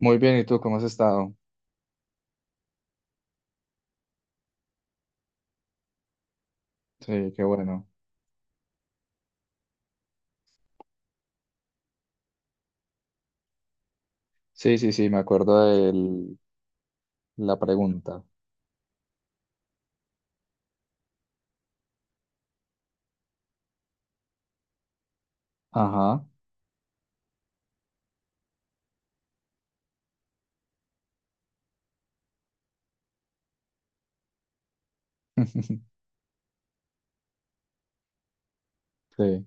Muy bien, ¿y tú cómo has estado? Sí, qué bueno. Sí, sí, sí, me acuerdo de la pregunta. Ajá. Sí.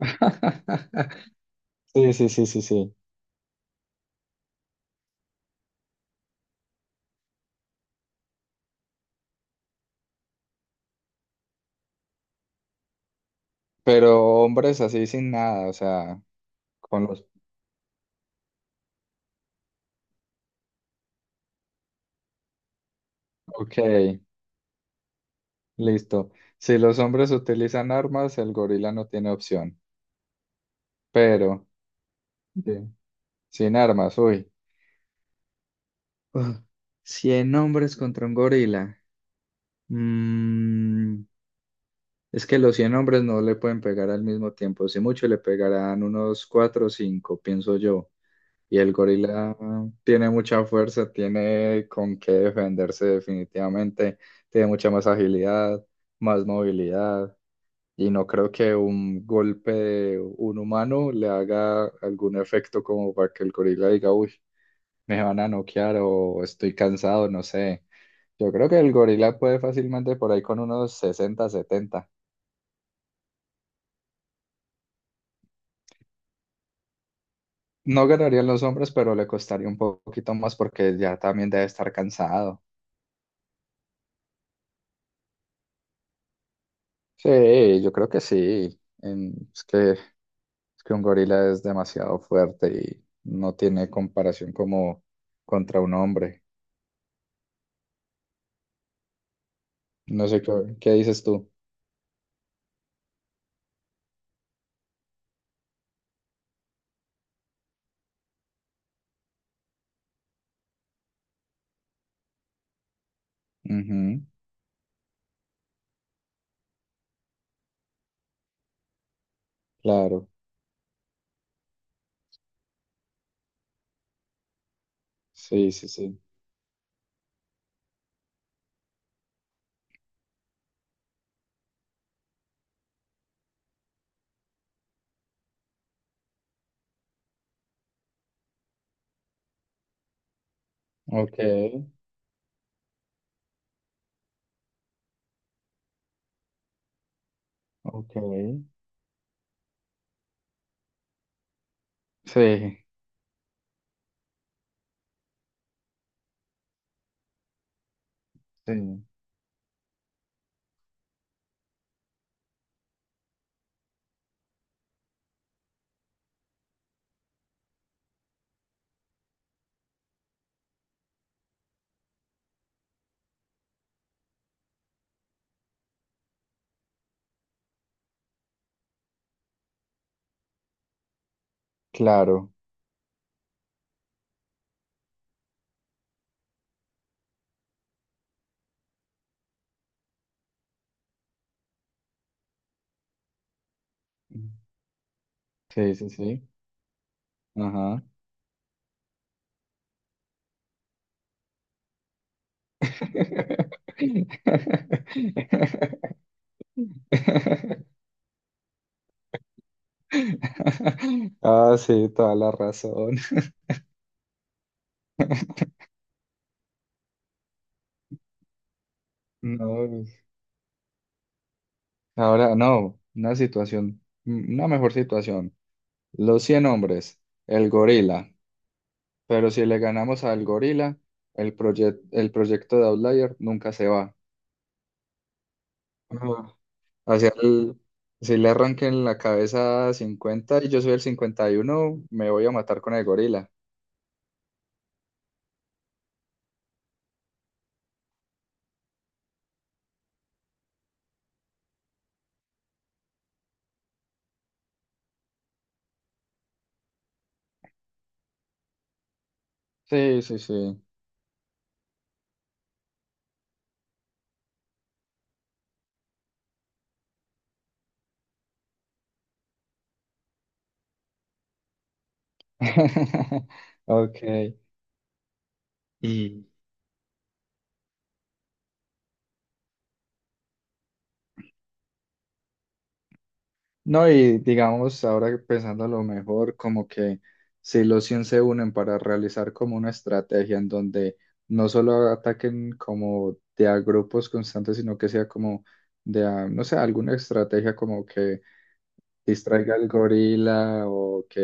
Sí, sí, sí, sí, sí. Pero hombres así sin nada, o sea, con los... Ok, listo. Si los hombres utilizan armas, el gorila no tiene opción. Pero, bien, sin armas, uy. Uf, 100 hombres contra un gorila. Mm, es que los 100 hombres no le pueden pegar al mismo tiempo. Si mucho le pegarán unos 4 o 5, pienso yo. Y el gorila tiene mucha fuerza, tiene con qué defenderse definitivamente, tiene mucha más agilidad, más movilidad. Y no creo que un golpe de un humano le haga algún efecto como para que el gorila diga, uy, me van a noquear o estoy cansado, no sé. Yo creo que el gorila puede fácilmente por ahí con unos 60 70. No ganarían los hombres, pero le costaría un poquito más porque ya también debe estar cansado. Sí, yo creo que sí. Es que, es que un gorila es demasiado fuerte y no tiene comparación como contra un hombre. No sé qué, qué dices tú. Ujú, claro. Sí, sí, sí. Ok, ok. Sí, sí, claro. Sí, sí, sí. Ajá. Ah, sí, toda la razón. No, pues, ahora no, una situación, una mejor situación. Los 100 hombres, el gorila. Pero si le ganamos al gorila, el proyecto de Outlier nunca se va. Ajá. Hacia el- si le arranquen la cabeza a 50 y yo soy el 51, me voy a matar con el gorila. Sí, sí, sí. Ok. No, y digamos, ahora pensando lo mejor, como que si los 100 se unen para realizar como una estrategia en donde no solo ataquen como de a grupos constantes, sino que sea como de a, no sé, alguna estrategia como que distraiga al gorila o que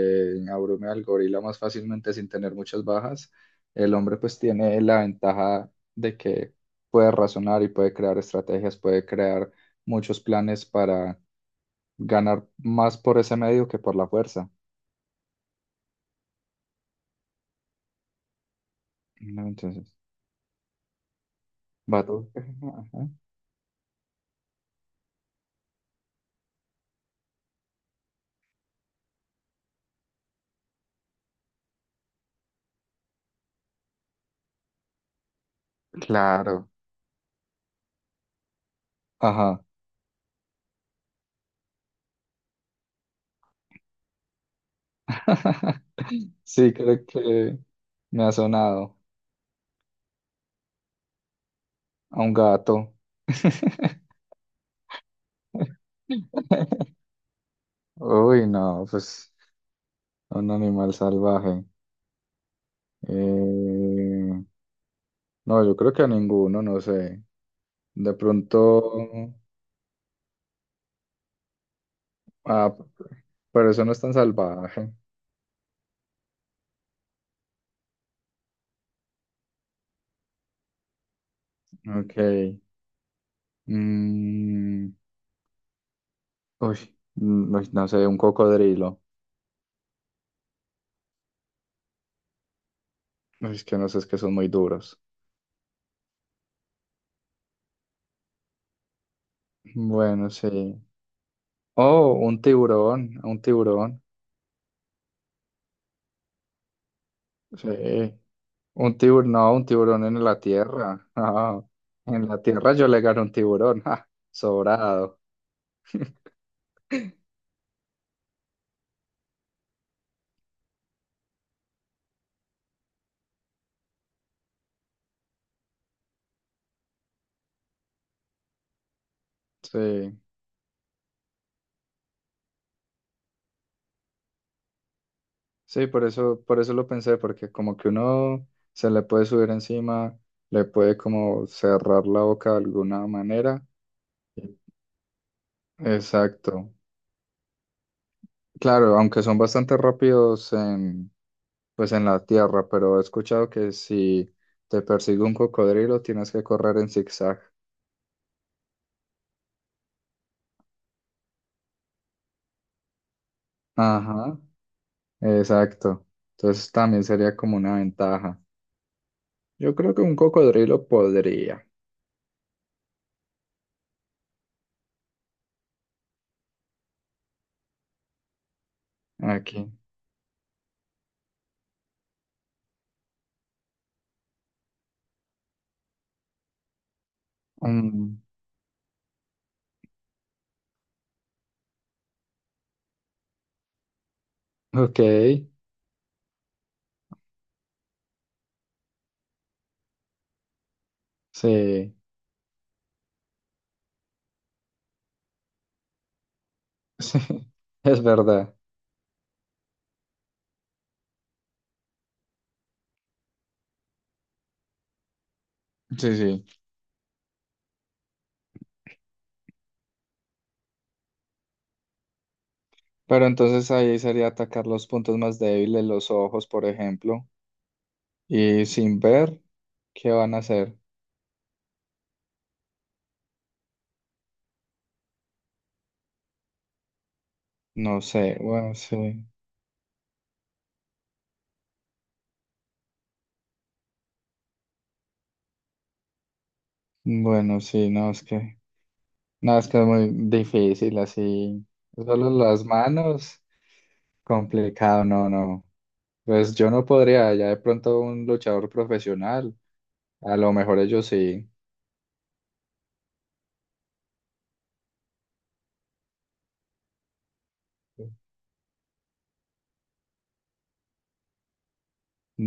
abrume al gorila más fácilmente sin tener muchas bajas, el hombre pues tiene la ventaja de que puede razonar y puede crear estrategias, puede crear muchos planes para ganar más por ese medio que por la fuerza. No, entonces, va todo. Ajá. Claro. Ajá. Sí, creo que me ha sonado a un gato. Uy, no, pues a un animal salvaje. Eh, no, yo creo que a ninguno, no sé. De pronto, ah, pero eso no es tan salvaje. Ok. Mm, uy, uy, no sé, un cocodrilo. Uy, es que no sé, es que son muy duros. Bueno, sí. Oh, un tiburón, un tiburón. Sí. Un tiburón, no, un tiburón en la tierra. Ah, en la tierra yo le gano un tiburón. Ja, sobrado. Sí, sí, por eso lo pensé, porque como que uno se le puede subir encima, le puede como cerrar la boca de alguna manera. Exacto. Claro, aunque son bastante rápidos en, pues en la tierra, pero he escuchado que si te persigue un cocodrilo tienes que correr en zigzag. Ajá, exacto. Entonces también sería como una ventaja. Yo creo que un cocodrilo podría. Aquí. Mm, ok, sí, sí, es verdad. Sí, sí. Pero entonces ahí sería atacar los puntos más débiles, los ojos, por ejemplo. Y sin ver, ¿qué van a hacer? No sé, bueno, sí. Bueno, sí, no, es que, no, es que es muy difícil así. Solo las manos, complicado, no, no. Pues yo no podría, ya de pronto un luchador profesional, a lo mejor ellos sí.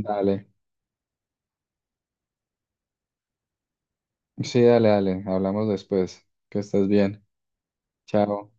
Dale, sí, dale, dale, hablamos después. Que estés bien. Chao.